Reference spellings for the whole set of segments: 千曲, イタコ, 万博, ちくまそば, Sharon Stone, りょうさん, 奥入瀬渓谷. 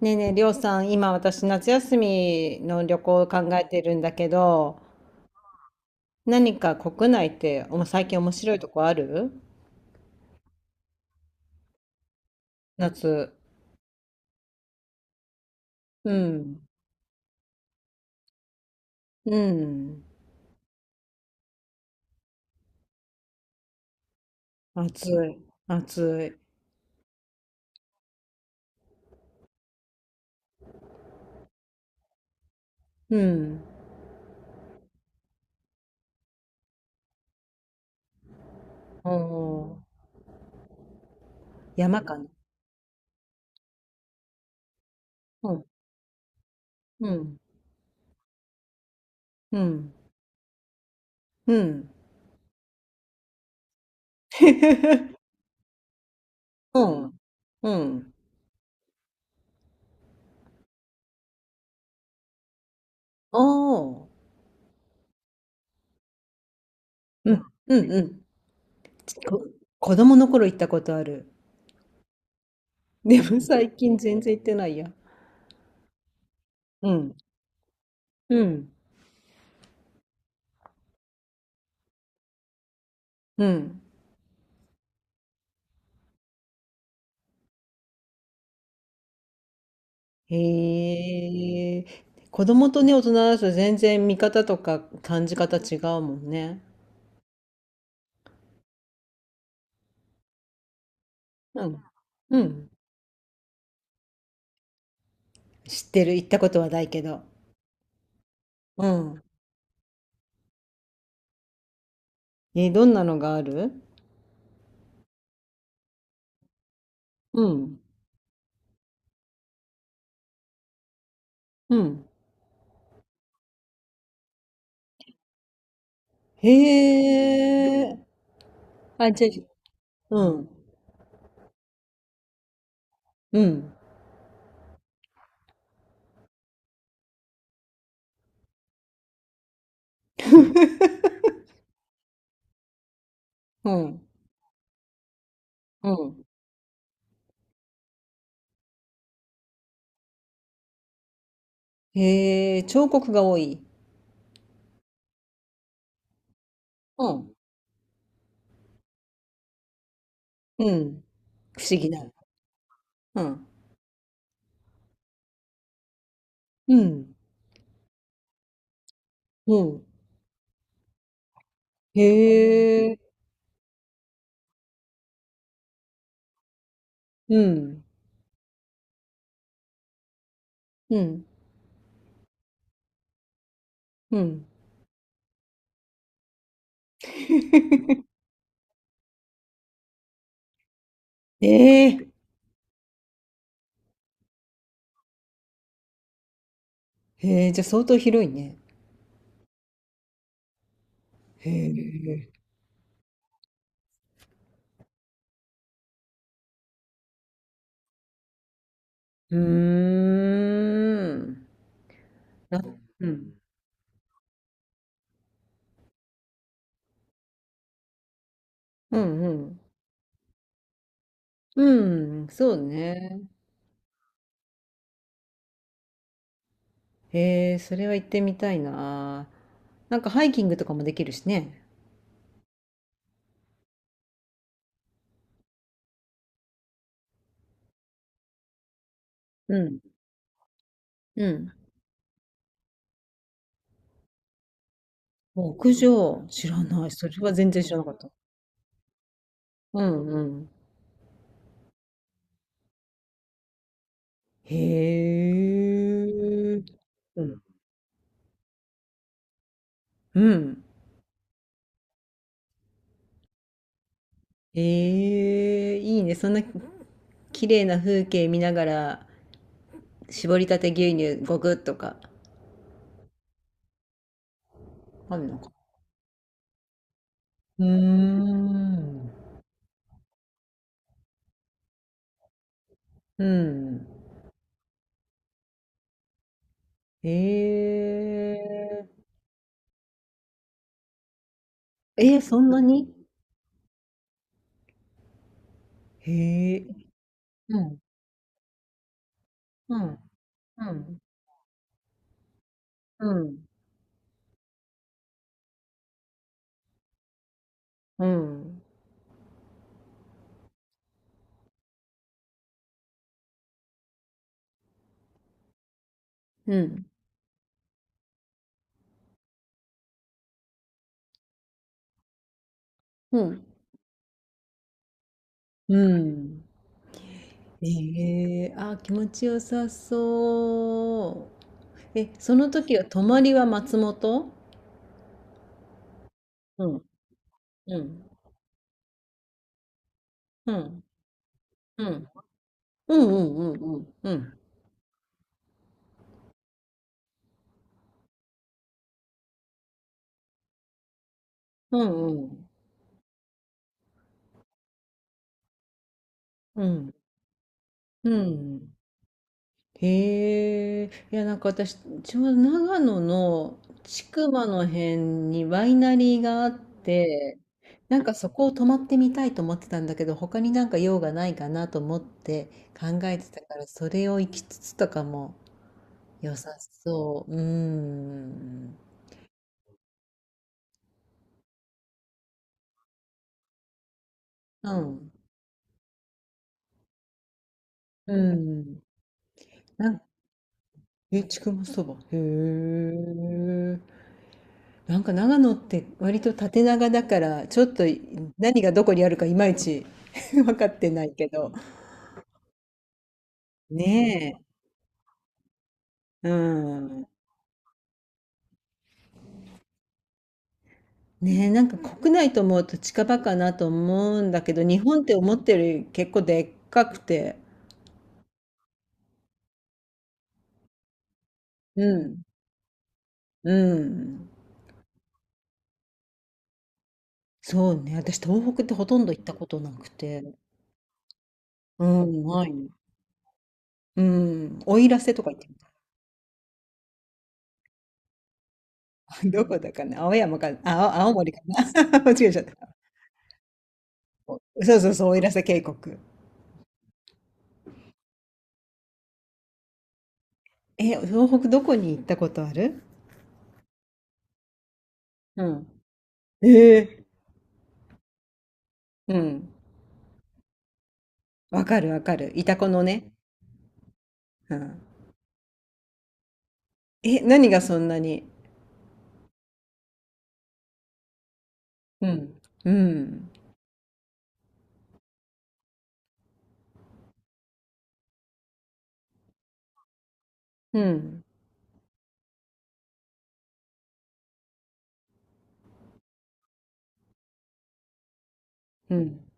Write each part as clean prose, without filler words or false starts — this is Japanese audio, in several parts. ねえねえ、りょうさん、今私夏休みの旅行を考えてるんだけど、何か国内って最近面白いとこある？夏。うん。うん。暑い。暑い。うん。おー。山かな。うん。うん。うん。うん。うん。うん。おー。うん。うん。うん。こ、子供の頃行ったことある。でも最近全然行ってないや。うん。うん。うん。へえ、子供とね、大人だと全然見方とか感じ方違うもんね。うん。うん。知ってる。行ったことはないけど。うん。え、どんなのがある？うん。うん。へえ。あ、じゃあ、うん。うん。うん。うん。へえ、彫刻が多い。うん。うん。不思議な。うん。うん。うん。へえ。うん。うん。うん。ええ。へえ、じゃあ相当広いね。へえ。うーん。な、うん。うんうん。うん、そうね。へえ、それは行ってみたいな。なんかハイキングとかもできるしね。うん。うん。屋上、知らない。それは全然知らなかった。うんうん。へえ。うん。うん。ええ、いいね。そんな綺麗な風景見ながら、絞りたて牛乳ゴくッとか。あんのか。うーん。うん。ええ。ええ、そんなに？へえ。うん。うん。うん。うん。うん。うん。うん。うん。ええ、あ、気持ちよさそう。え、その時は泊まりは松本？うん。うん。うん。うん。うんうんうんうん。うん。うんうん。うん。うん。へえ、いや、なんか私、ちょうど長野の千曲の辺にワイナリーがあって、なんかそこを泊まってみたいと思ってたんだけど、他になんか用がないかなと思って考えてたから、それを行きつつとかも良さそう。うーん。うん。うん。なんえ、ちくまそば。へえ。なんか長野って割と縦長だからちょっと何がどこにあるかいまいち 分かってないけど。ねえ。うん。ねえ、なんか国内と思うと近場かなと思うんだけど、日本って思ってるより結構でっかくて。うん。うん。そうね。私東北ってほとんど行ったことなくて。うん、ない。うん。奥入瀬とか行って どこだかな青山か、あ、青森かな 間違えちゃった。そうそうそう、奥入瀬渓谷。え、東北どこに行ったことある？うん。ええ。うん。わかるわかる。イタコのね。うん。え、何がそんなに？うん。うん。うん。うん。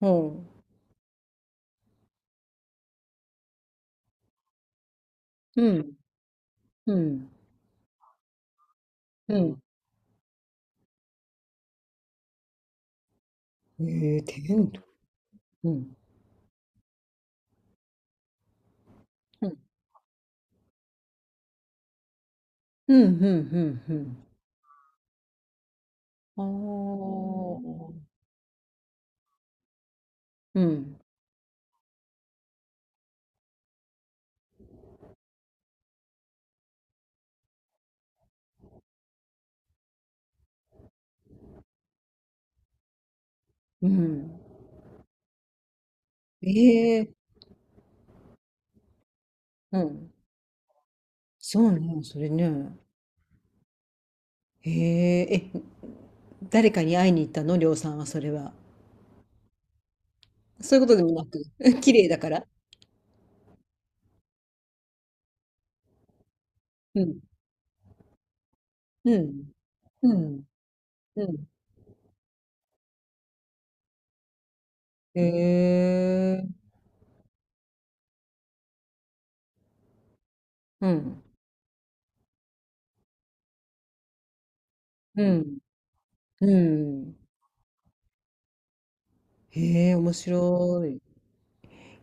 ほう。うん。うん。うん。ええ、テント。うん。うん。うん。うん。うん。うん。ああ。うん。うん。ええ。うん。そうね、それね。へえ、え、誰かに会いに行ったの、りょうさんはそれは？そういうことでもなく、綺麗だから。うん。うん。うん。うん。へえ、うん。うん。うん。へえ、面白い。い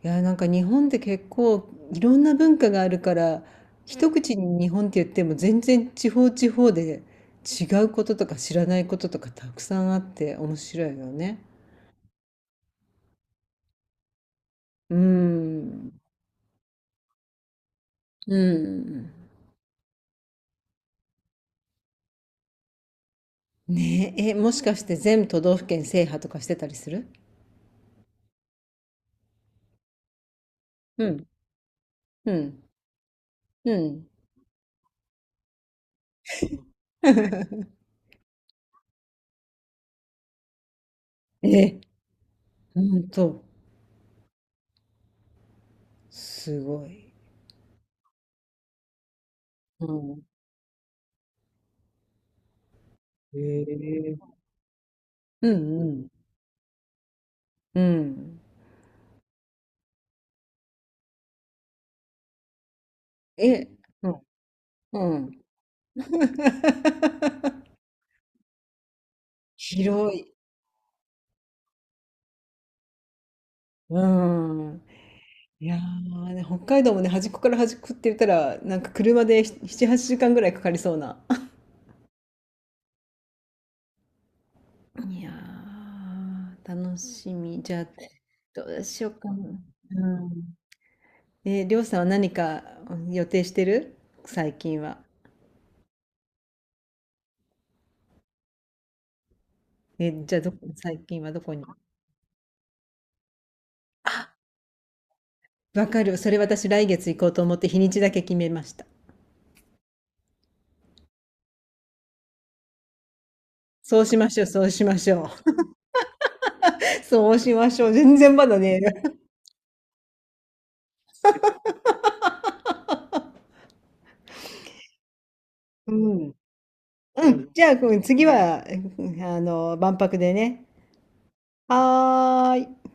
や、なんか日本って結構いろんな文化があるから、一口に日本って言っても全然地方地方で違うこととか知らないこととかたくさんあって面白いよね。うん。うん。ねえ、え、もしかして全都道府県制覇とかしてたりする？うん。うん。うん。え、ほんと、すごい。うん。へえ。うんうん。うん。え、うん。うん。広い。うん。いやーね、北海道もね、端っこから端っこって言ったら、なんか車で7、8時間ぐらいかかりそうな。いやー、楽しみ。じゃあ、どうしようかな。うん。え、りょうさんは何か、うん、予定してる最近は？え、じゃあどこ、最近はどこに？わかる。それ私来月行こうと思って日にちだけ決めました。そうしましょう、そうしましょう。そうしましょう。全然まだね。うん。うん。じゃあ、うん、次は、うん、あの、万博でね。はーい。